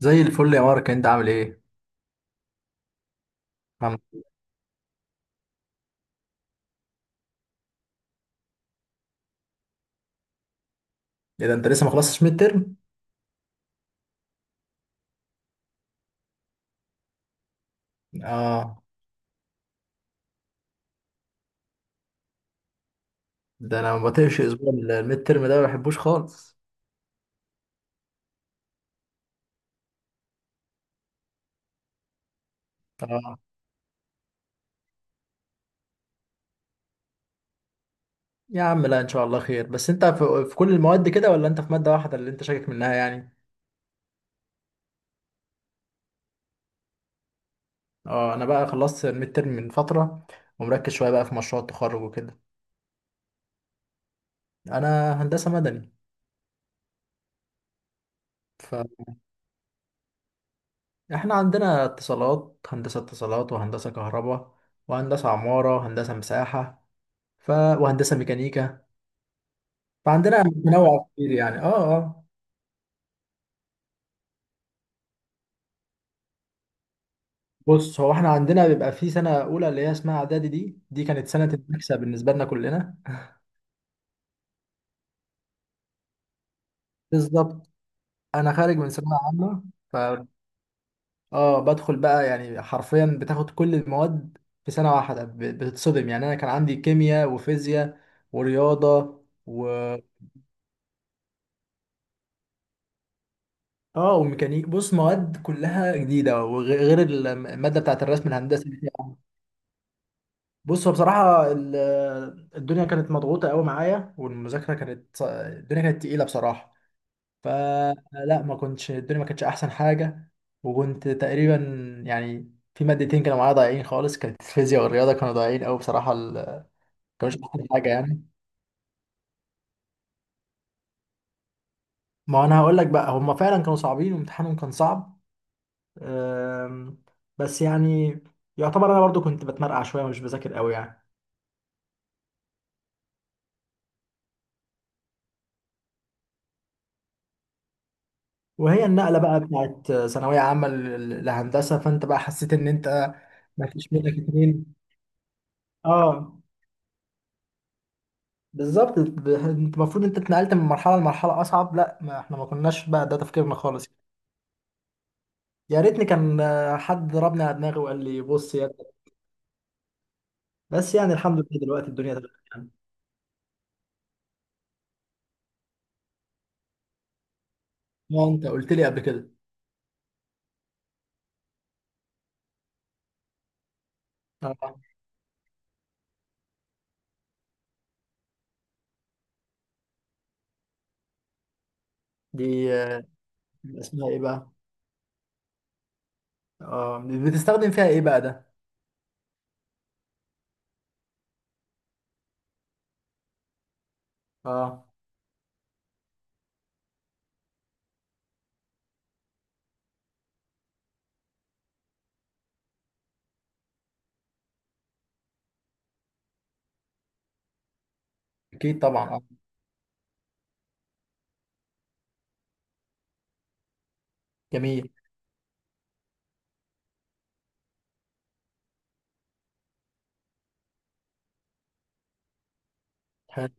زي الفل يا مارك، انت عامل ايه؟ الحمد لله. ايه ده، انت لسه ما خلصتش ميد ترم؟ اه، ده انا ما بطيقش اسبوع الميد ترم ده، ما بحبوش خالص. اه. يا عم لا، ان شاء الله خير. بس انت في كل المواد كده، ولا انت في مادة واحدة اللي انت شاكك منها يعني؟ اه، انا بقى خلصت الميد ترم من فترة ومركز شوية بقى في مشروع التخرج وكده. انا هندسة مدني. فاحنا عندنا اتصالات، هندسة اتصالات، وهندسة كهرباء، وهندسة عمارة، وهندسة مساحة، وهندسة ميكانيكا. فعندنا تنوع كتير يعني. اه، اه. بص، هو احنا عندنا بيبقى في سنه اولى اللي هي اسمها اعدادي، دي كانت سنه المكسب بالنسبه لنا كلنا. بالظبط. انا خارج من ثانويه عامه. ف اه بدخل بقى يعني حرفيا بتاخد كل المواد في سنه واحده، بتتصدم يعني. انا كان عندي كيمياء وفيزياء ورياضه و اه وميكانيك. بص، مواد كلها جديده، وغير غير الماده بتاعت الرسم الهندسي اللي فيها. بص، هو بصراحه الدنيا كانت مضغوطه قوي معايا، والمذاكره كانت الدنيا كانت تقيله بصراحه. فلا، ما كنتش الدنيا ما كانتش احسن حاجه. وكنت تقريبا يعني في مادتين كانوا معايا ضايعين خالص، كانت الفيزياء والرياضه كانوا ضايعين قوي بصراحه. كانوش احسن حاجه يعني. ما انا هقول لك بقى، هم فعلا كانوا صعبين وامتحانهم كان صعب. أم، بس يعني يعتبر انا برضو كنت بتمرقع شويه ومش بذاكر قوي يعني. وهي النقله بقى بتاعت ثانويه عامه لهندسه، فانت بقى حسيت ان انت. ما فيش منك اتنين. اه، بالظبط. انت المفروض انت اتنقلت من مرحله لمرحله اصعب، لا. ما احنا ما كناش بقى ده تفكيرنا خالص. يا ريتني كان حد ضربني على دماغي وقال لي بص يا ابني. بس يعني الحمد لله دلوقتي الدنيا تمام يعني. ما انت قلت لي قبل كده. اه. دي. اسمها ايه بقى؟ اه. بتستخدم فيها ايه بقى ده؟ اه. اكيد طبعا. اه. جميل. حلو.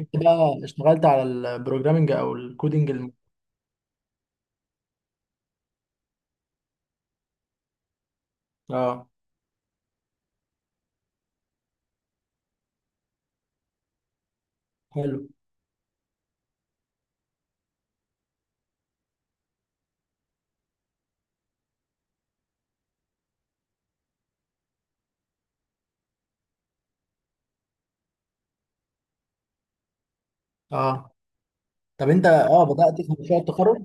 انت بقى اشتغلت على البروجرامنج او الكودينج اه. حلو. اه، طب انت بدأت في مشروع التخرج؟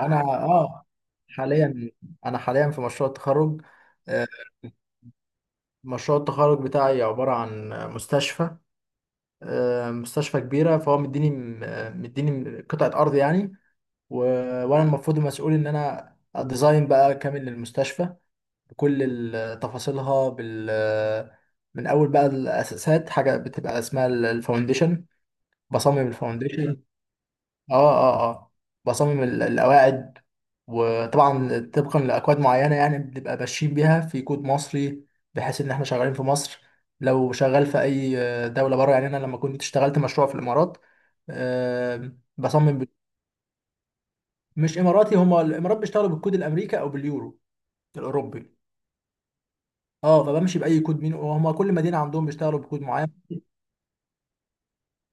انا اه حاليا. انا حاليا في مشروع التخرج. آه، مشروع التخرج بتاعي عبارة عن مستشفى. مستشفى كبيرة، فهو مديني قطعة أرض يعني. و... وأنا المفروض مسؤول إن أنا أديزاين بقى كامل للمستشفى بكل تفاصيلها من أول بقى الأساسات، حاجة بتبقى اسمها الفاونديشن، بصمم الفاونديشن. اه، اه، اه. بصمم القواعد، وطبعا طبقا لاكواد معينه يعني، بنبقى ماشيين بيها في كود مصري بحيث ان احنا شغالين في مصر. لو شغال في اي دوله بره، يعني انا لما كنت اشتغلت مشروع في الامارات، آه، بصمم ب- مش اماراتي، هما الامارات بيشتغلوا بالكود الامريكي او باليورو الاوروبي. اه، فبمشي باي كود مين، وهما كل مدينه عندهم بيشتغلوا بكود معين.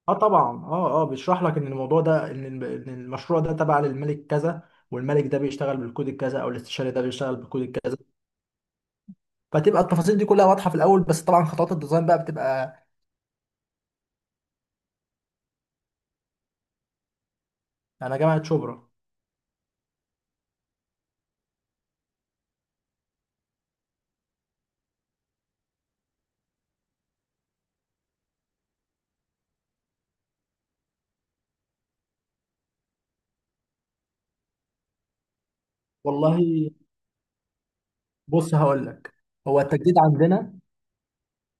اه طبعا. اه، اه، بيشرح لك ان الموضوع ده، ان إن المشروع ده تبع للملك كذا، والملك ده بيشتغل بالكود الكذا، او الاستشاري ده بيشتغل بالكود الكذا. فتبقى التفاصيل دي كلها واضحه في الاول، بس طبعا خطوات الديزاين بقى بتبقى. انا جامعه شبرا. والله، بص هقول لك. هو التجديد عندنا،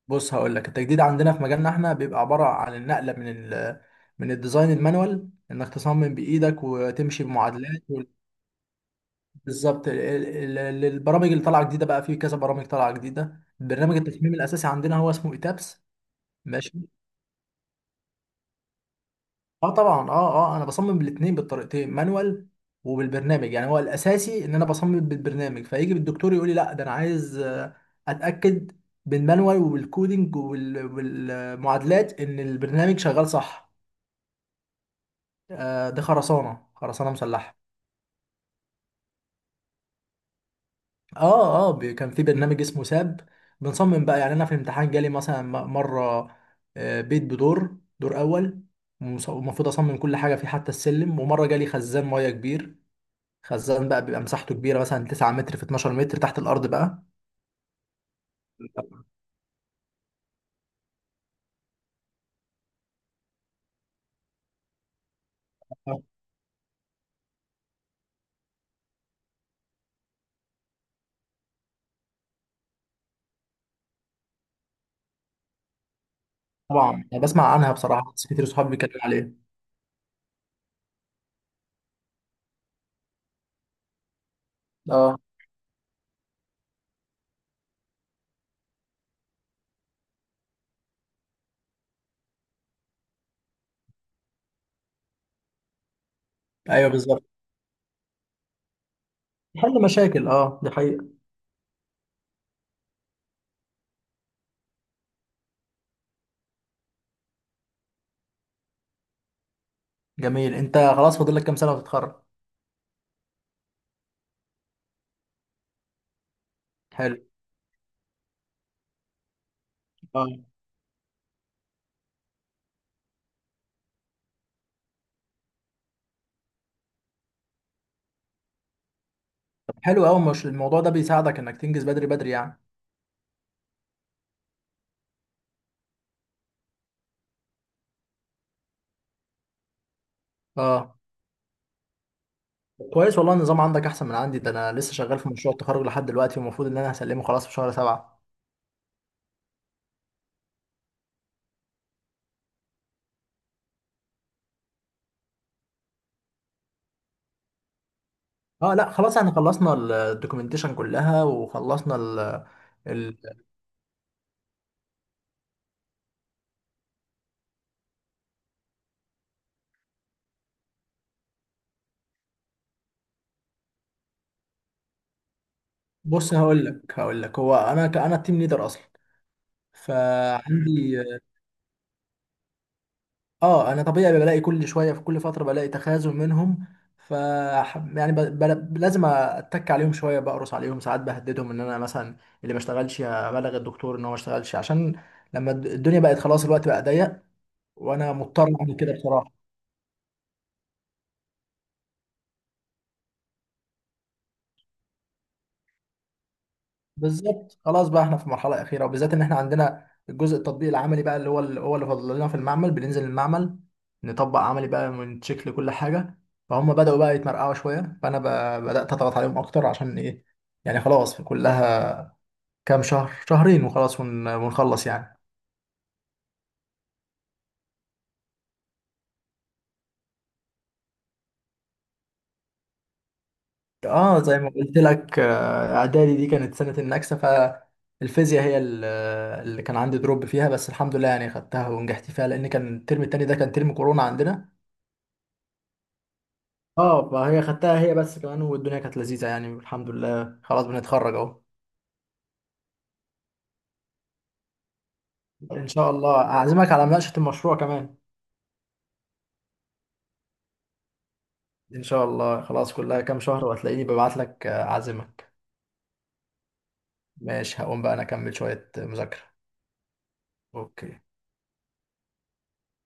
في مجالنا احنا بيبقى عباره عن النقله من ال من الديزاين المانوال، انك تصمم بايدك وتمشي بمعادلات. بالظبط. البرامج اللي طالعه جديده بقى، في كذا برامج طالعه جديده، برنامج التصميم الاساسي عندنا هو اسمه ايتابس. ماشي. اه طبعا. اه، اه. انا بصمم بالاثنين بالطريقتين، مانوال وبالبرنامج يعني. هو الاساسي ان انا بصمم بالبرنامج، فيجي بالدكتور يقول لي لا، ده انا عايز اتاكد بالمانوال وبالكودينج وبالمعادلات ان البرنامج شغال صح. ده خرسانه مسلحه. اه، اه. كان في برنامج اسمه ساب، بنصمم بقى يعني. انا في الامتحان جالي مثلا مره، بيت بدور، دور اول، ومفروض اصمم كل حاجه فيه حتى السلم. ومره جالي خزان ميه كبير، خزان بقى بيبقى مساحته كبيره مثلا 9 متر في 12 متر تحت الارض بقى. طبعا انا بسمع عنها بصراحه، بس كتير صحابي بيتكلموا عليها. اه، ايوه بالظبط، حل مشاكل، اه، دي حقيقه. جميل. انت خلاص فاضل لك كام سنه وتتخرج؟ حلو. اه، طب حلو قوي. مش الموضوع ده بيساعدك انك تنجز بدري بدري يعني؟ اه، كويس، والله النظام عندك احسن من عندي. ده انا لسه شغال في مشروع التخرج لحد دلوقتي، والمفروض ان انا هسلمه خلاص في شهر سبعة. اه، لا خلاص، احنا خلصنا الدوكيومنتيشن كلها، وخلصنا ال ال بص هقول لك. هو انا التيم ليدر اصلا. فعندي. اه، انا طبيعي بلاقي كل شويه، في كل فتره بلاقي تخاذل منهم. ف، يعني، لازم اتك عليهم شويه، بقرص عليهم ساعات، بهددهم ان انا مثلا اللي ما اشتغلش ابلغ الدكتور ان هو ما اشتغلش، عشان لما الدنيا بقت خلاص الوقت بقى ضيق، وانا مضطر اعمل كده بصراحه. بالظبط. خلاص بقى احنا في مرحله اخيره، وبالذات ان احنا عندنا الجزء التطبيق العملي بقى، اللي فاضل لنا في المعمل. بننزل المعمل نطبق عملي بقى ونتشيك لكل حاجه، فهم بداوا بقى يتمرقعوا شويه، فانا بدات اضغط عليهم اكتر عشان ايه؟ يعني خلاص، كلها كام شهر، شهرين، وخلاص ونخلص يعني. اه، زي ما قلت لك، اعدادي دي كانت سنة النكسة. فالفيزياء هي اللي كان عندي دروب فيها، بس الحمد لله يعني خدتها ونجحت فيها، لان كان الترم التاني ده كان ترم كورونا عندنا. اه، فهي خدتها هي بس كمان، والدنيا كانت لذيذة يعني، الحمد لله خلاص بنتخرج اهو. ان شاء الله، اعزمك على مناقشة المشروع كمان. ان شاء الله، خلاص كلها كام شهر وهتلاقيني ببعت لك اعزمك. ماشي، هقوم بقى انا اكمل شوية مذاكرة. اوكي